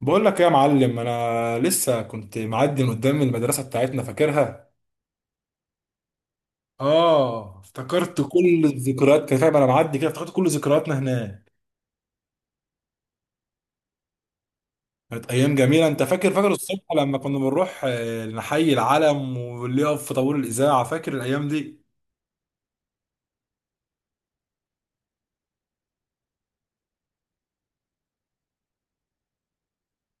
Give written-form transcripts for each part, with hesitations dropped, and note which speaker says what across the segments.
Speaker 1: بقول لك ايه يا معلم؟ انا لسه كنت معدي من قدام المدرسه بتاعتنا، فاكرها. اه، افتكرت كل الذكريات كده، فاهم؟ انا معدي كده افتكرت كل ذكرياتنا هناك. كانت ايام جميله، انت فاكر؟ فاكر الصبح لما كنا بنروح نحيي العلم، واللي يقف في طابور الاذاعه. فاكر الايام دي؟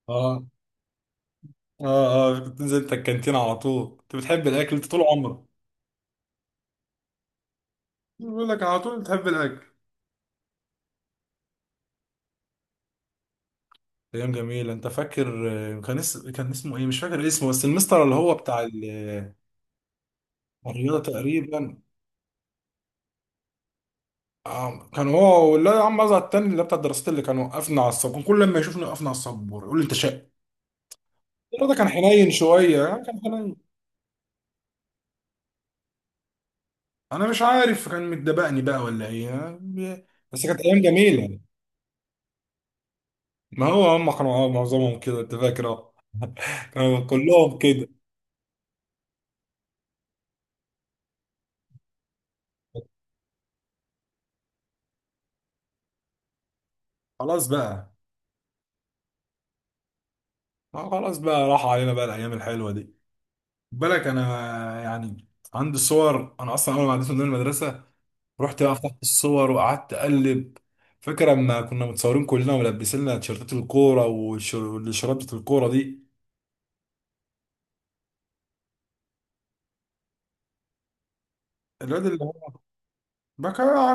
Speaker 1: اه، اه، اه. كنت تنزل انت الكانتين على طول، انت بتحب الاكل انت طول عمرك. بقول لك على طول بتحب الاكل. ايام جميله، انت فاكر؟ كان اسمه ايه؟ مش فاكر اسمه، بس المستر اللي هو بتاع الرياضه تقريبا. كان هو، ولا يا عم ازهر التاني اللي بتاع الدراسات؟ اللي كان وقفنا على السبور، كان كل ما يشوفني وقفنا على السبور يقول لي انت شقي. الواد ده كان حنين شويه، كان حنين. انا مش عارف، كان متدبقني بقى ولا ايه؟ بس كانت ايام جميله. ما هو هم كانوا معظمهم كده، انت فاكر؟ اه، كانوا كلهم كده. خلاص بقى، ما خلاص بقى راح علينا بقى الايام الحلوه دي. بالك انا يعني عندي صور؟ انا اصلا اول ما عديت من المدرسه رحت بقى فتحت الصور وقعدت اقلب. فاكر لما كنا متصورين كلنا ولابسين لنا تيشيرتات الكوره والشرابة الكوره دي؟ الواد اللي هو بقى،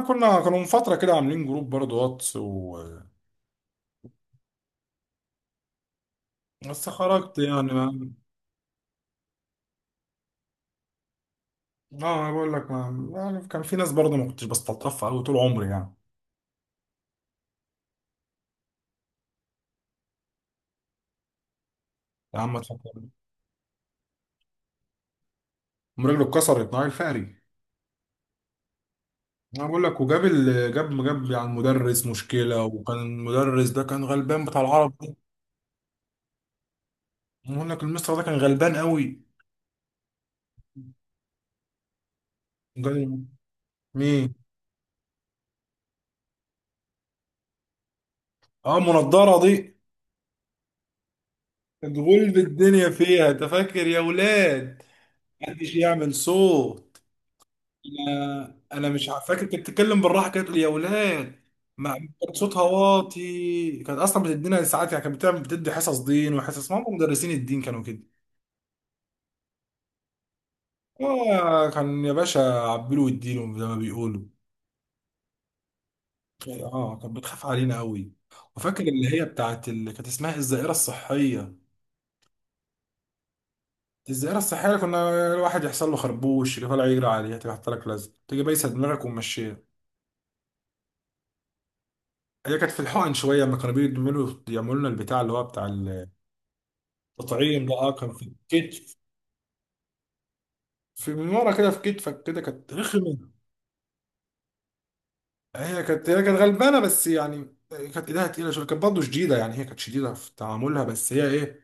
Speaker 1: كنا كانوا من فتره كده عاملين جروب برضه واتس بس خرجت يعني ما... اه انا بقول لك ما... يعني كان في ناس برضه ما كنتش بستلطفها قوي طول عمري يعني. يا عم اتفضل. أم رجله اتكسرت نهار الفقري. انا بقول لك، وجاب ال... جاب جاب يعني المدرس مشكله، وكان المدرس ده كان غلبان بتاع العرب ده. بقول لك المستر ده كان غلبان قوي. مين؟ اه، منضرة دي. الغلب الدنيا فيها، انت فاكر؟ يا ولاد، محدش يعمل صوت. انا مش فاكر كانت بتتكلم بالراحه كده، تقول: يا ولاد. ما كانت صوتها واطي، كانت اصلا بتدينا ساعات، يعني كانت بتعمل بتدي حصص دين وحصص، ما هم مدرسين الدين كانوا كده. اه، كان يا باشا عبلوا الدين زي ما بيقولوا. اه، كانت بتخاف علينا قوي. وفاكر اللي هي بتاعت اللي كانت اسمها الزائره الصحيه؟ الزيارة الصحية كنا الواحد يحصل له خربوش يجي طالع يجري عليها، تيجي حاطة لك لزق، تيجي بايسة دماغك وممشية. هي كانت في الحقن شوية لما كانوا بيعملوا يعملوا لنا البتاع اللي هو بتاع التطعيم ده. اه، كان في الكتف، في من ورا كده في كتفك كده، كانت رخمة. هي كانت غلبانة، بس يعني كانت ايدها تقيلة شوية، كانت برضه شديدة، يعني هي كانت شديدة في تعاملها، بس هي ايه،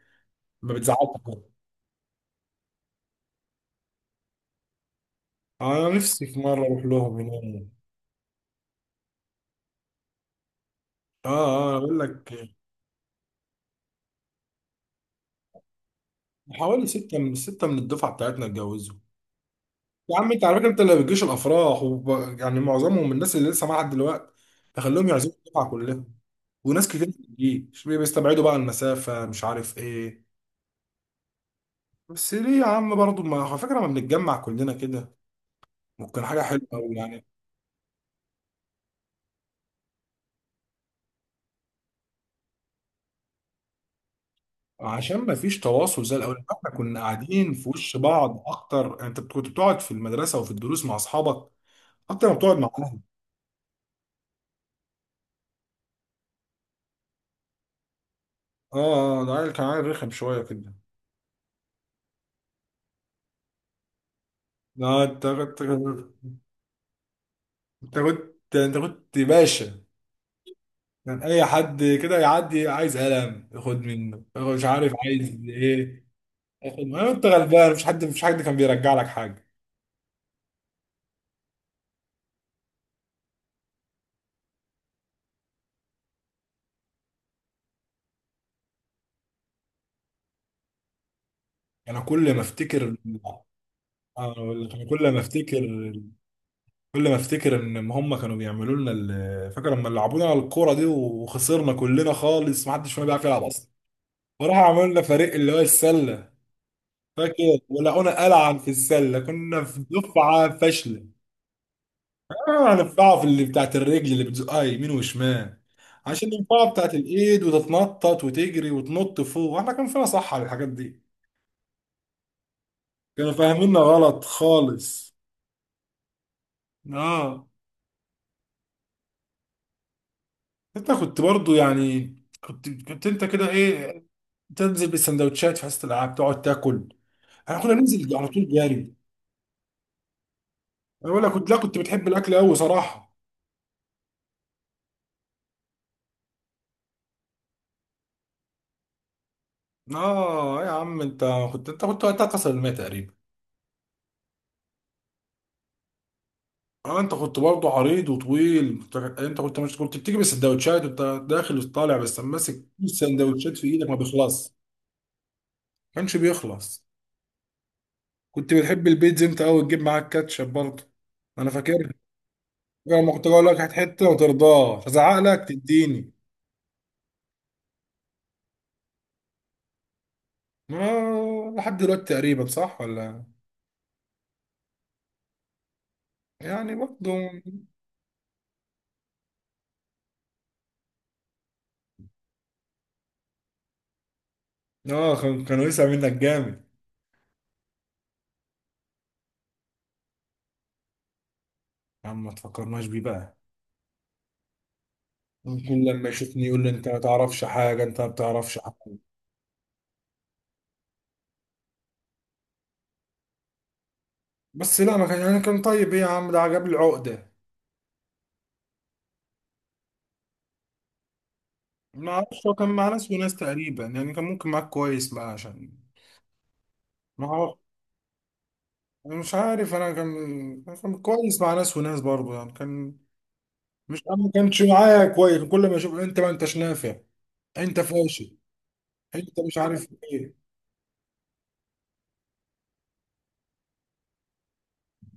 Speaker 1: ما بتزعلش برضه. انا نفسي في مرة اروح لهم هناك. اه، اه، انا بقول لك حوالي ستة من ستة من الدفعة بتاعتنا اتجوزوا. يا عم انت على فكره انت اللي بتجيش الافراح يعني معظمهم من الناس اللي لسه معاها لحد دلوقتي. تخليهم يعزموا الدفعه كلها. وناس كتير ما بتجيش، بيستبعدوا بقى المسافه، مش عارف ايه. بس ليه يا عم برضه ما على فكره ما بنتجمع كلنا كده؟ ممكن حاجه حلوه قوي يعني. عشان ما فيش تواصل زي الاول، احنا كنا قاعدين في وش بعض اكتر يعني، انت كنت بتقعد في المدرسه وفي الدروس مع اصحابك اكتر ما بتقعد مع اهلك. اه، اه، ده عيل، كان عيل رخم شويه كده. لا انت كنت انت كنت باشا. كان اي حد كده يعدي عايز قلم ياخد منه، ياخد مش عارف عايز ايه ياخد، ما انت غلبان. مش حد كان بيرجع لك حاجه. انا كل ما افتكر أنا أقول لك، أنا كل ما افتكر ان هم كانوا بيعملوا لنا فاكر لما لعبونا على الكوره دي وخسرنا كلنا خالص، ما حدش فينا بيعرف يلعب اصلا. وراحوا عملوا لنا فريق اللي هو السله، فاكر؟ ولقونا قلعا في السله، كنا في دفعه فاشله. هنفقعه في اللي بتاعت الرجل اللي بتزقها يمين وشمال. عشان النفاعة بتاعت الايد وتتنطط وتجري وتنط فوق، واحنا كان فينا صح على الحاجات دي؟ كانوا فاهميننا غلط خالص. اه، انت كنت برضو يعني، كنت انت كده ايه، تنزل بالسندوتشات في حصة الالعاب تقعد تاكل؟ احنا كنا ننزل على طول جاري. انا ولا كنت، لا كنت بتحب الاكل قوي صراحة. اه يا عم انت، كنت انت كنت وقتها كسر الماء تقريبا. اه، انت كنت برضه عريض وطويل انت. أنت كنت مش كنت بتيجي بالسندوتشات انت داخل وطالع، بس ماسك السندوتشات في ايدك ما كانش بيخلص. كنت بتحب البيتزا انت قوي، تجيب معاك كاتشب برضه، انا فاكر. لما كنت اقول لك هات حته ما ترضاش، ازعق لك تديني. ما لحد دلوقتي تقريبا، صح ولا؟ يعني برضه. اه كانوا يسع منك جامد. يا عم ما تفكرناش بيه بقى. كل لما يشوفني يقول لي انت ما تعرفش حاجه انت ما بتعرفش. بس لا ما كان، يعني كان طيب ايه يا عم، ده عجب العقدة. ما اعرفش، هو كان مع ناس وناس تقريبا، يعني كان ممكن معاك كويس بقى عشان. ما هو أنا مش عارف، انا كان كويس مع ناس وناس برضه يعني كان. مش انا، ما كانش معايا كويس، كل ما اشوف انت ما انتش نافع، انت فاشل، انت مش عارف ايه.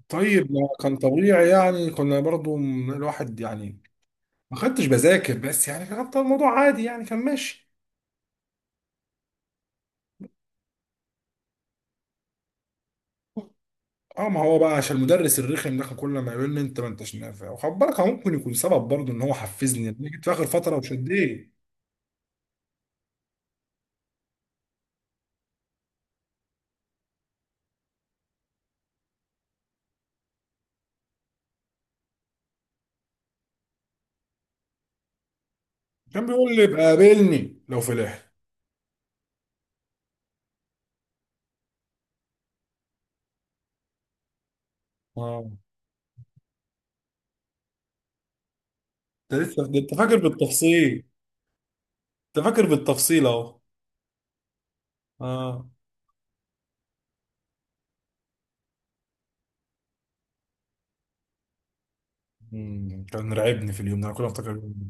Speaker 1: طيب ما كان طبيعي يعني، كنا برضه الواحد يعني ما كنتش بذاكر، بس يعني كان الموضوع عادي يعني كان ماشي. اه، ما هو بقى عشان المدرس الرخم ده كان كل ما يقول لي انت ما انتش نافع، وخد بالك هو ممكن يكون سبب برضه ان هو حفزني، انا جيت في اخر فتره وشديت. كان بيقول لي ابقى قابلني لو فلحت. اه، انت لسه ده انت فاكر بالتفصيل؟ انت فاكر بالتفصيل اهو. اه. كان راعبني في اليوم ده، انا كل ما افتكر اليوم ده.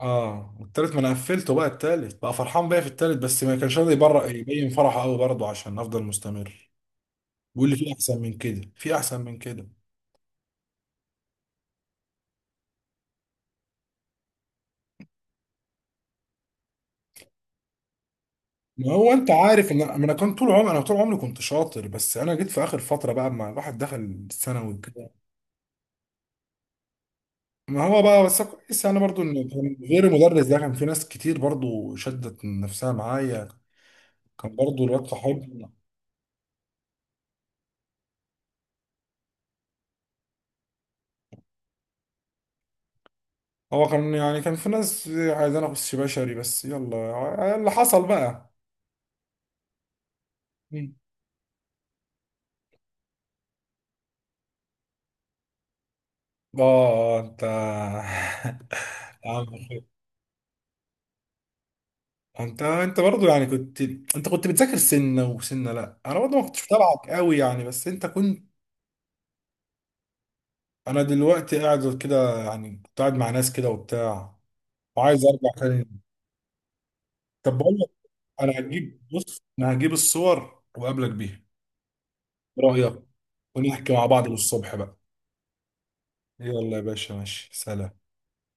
Speaker 1: اه، والتالت ما انا قفلته بقى، التالت بقى فرحان بيا في التالت، بس ما كانش راضي يبرق يبين فرحه قوي برضه عشان افضل مستمر. بيقول لي في احسن من كده، في احسن من كده. ما هو انت عارف ان انا أنا كان طول عمري انا طول عمري كنت شاطر، بس انا جيت في اخر فتره بقى، ما الواحد دخل الثانوي وكده. ما هو بقى، بس كويس يعني برضو، ان كان غير المدرس ده كان في ناس كتير برضو شدت من نفسها معايا. كان برضو الواد صاحبنا. هو كان، يعني كان في ناس عايزين اخش بشري، بس يلا اللي حصل بقى. مم. اه انت يا عم خير. انت برضو يعني انت كنت بتذاكر سنه وسنه. لا انا برضو ما كنتش بتابعك قوي يعني، بس انت كنت. انا دلوقتي قاعد كده يعني، كنت قاعد مع ناس كده وبتاع، وعايز ارجع تاني. طب بقول لك، انا هجيب، بص انا هجيب الصور وقابلك بيها. إيه رايك؟ ونحكي مع بعض للصبح بقى. يلا يا باشا، ماشي، سلام.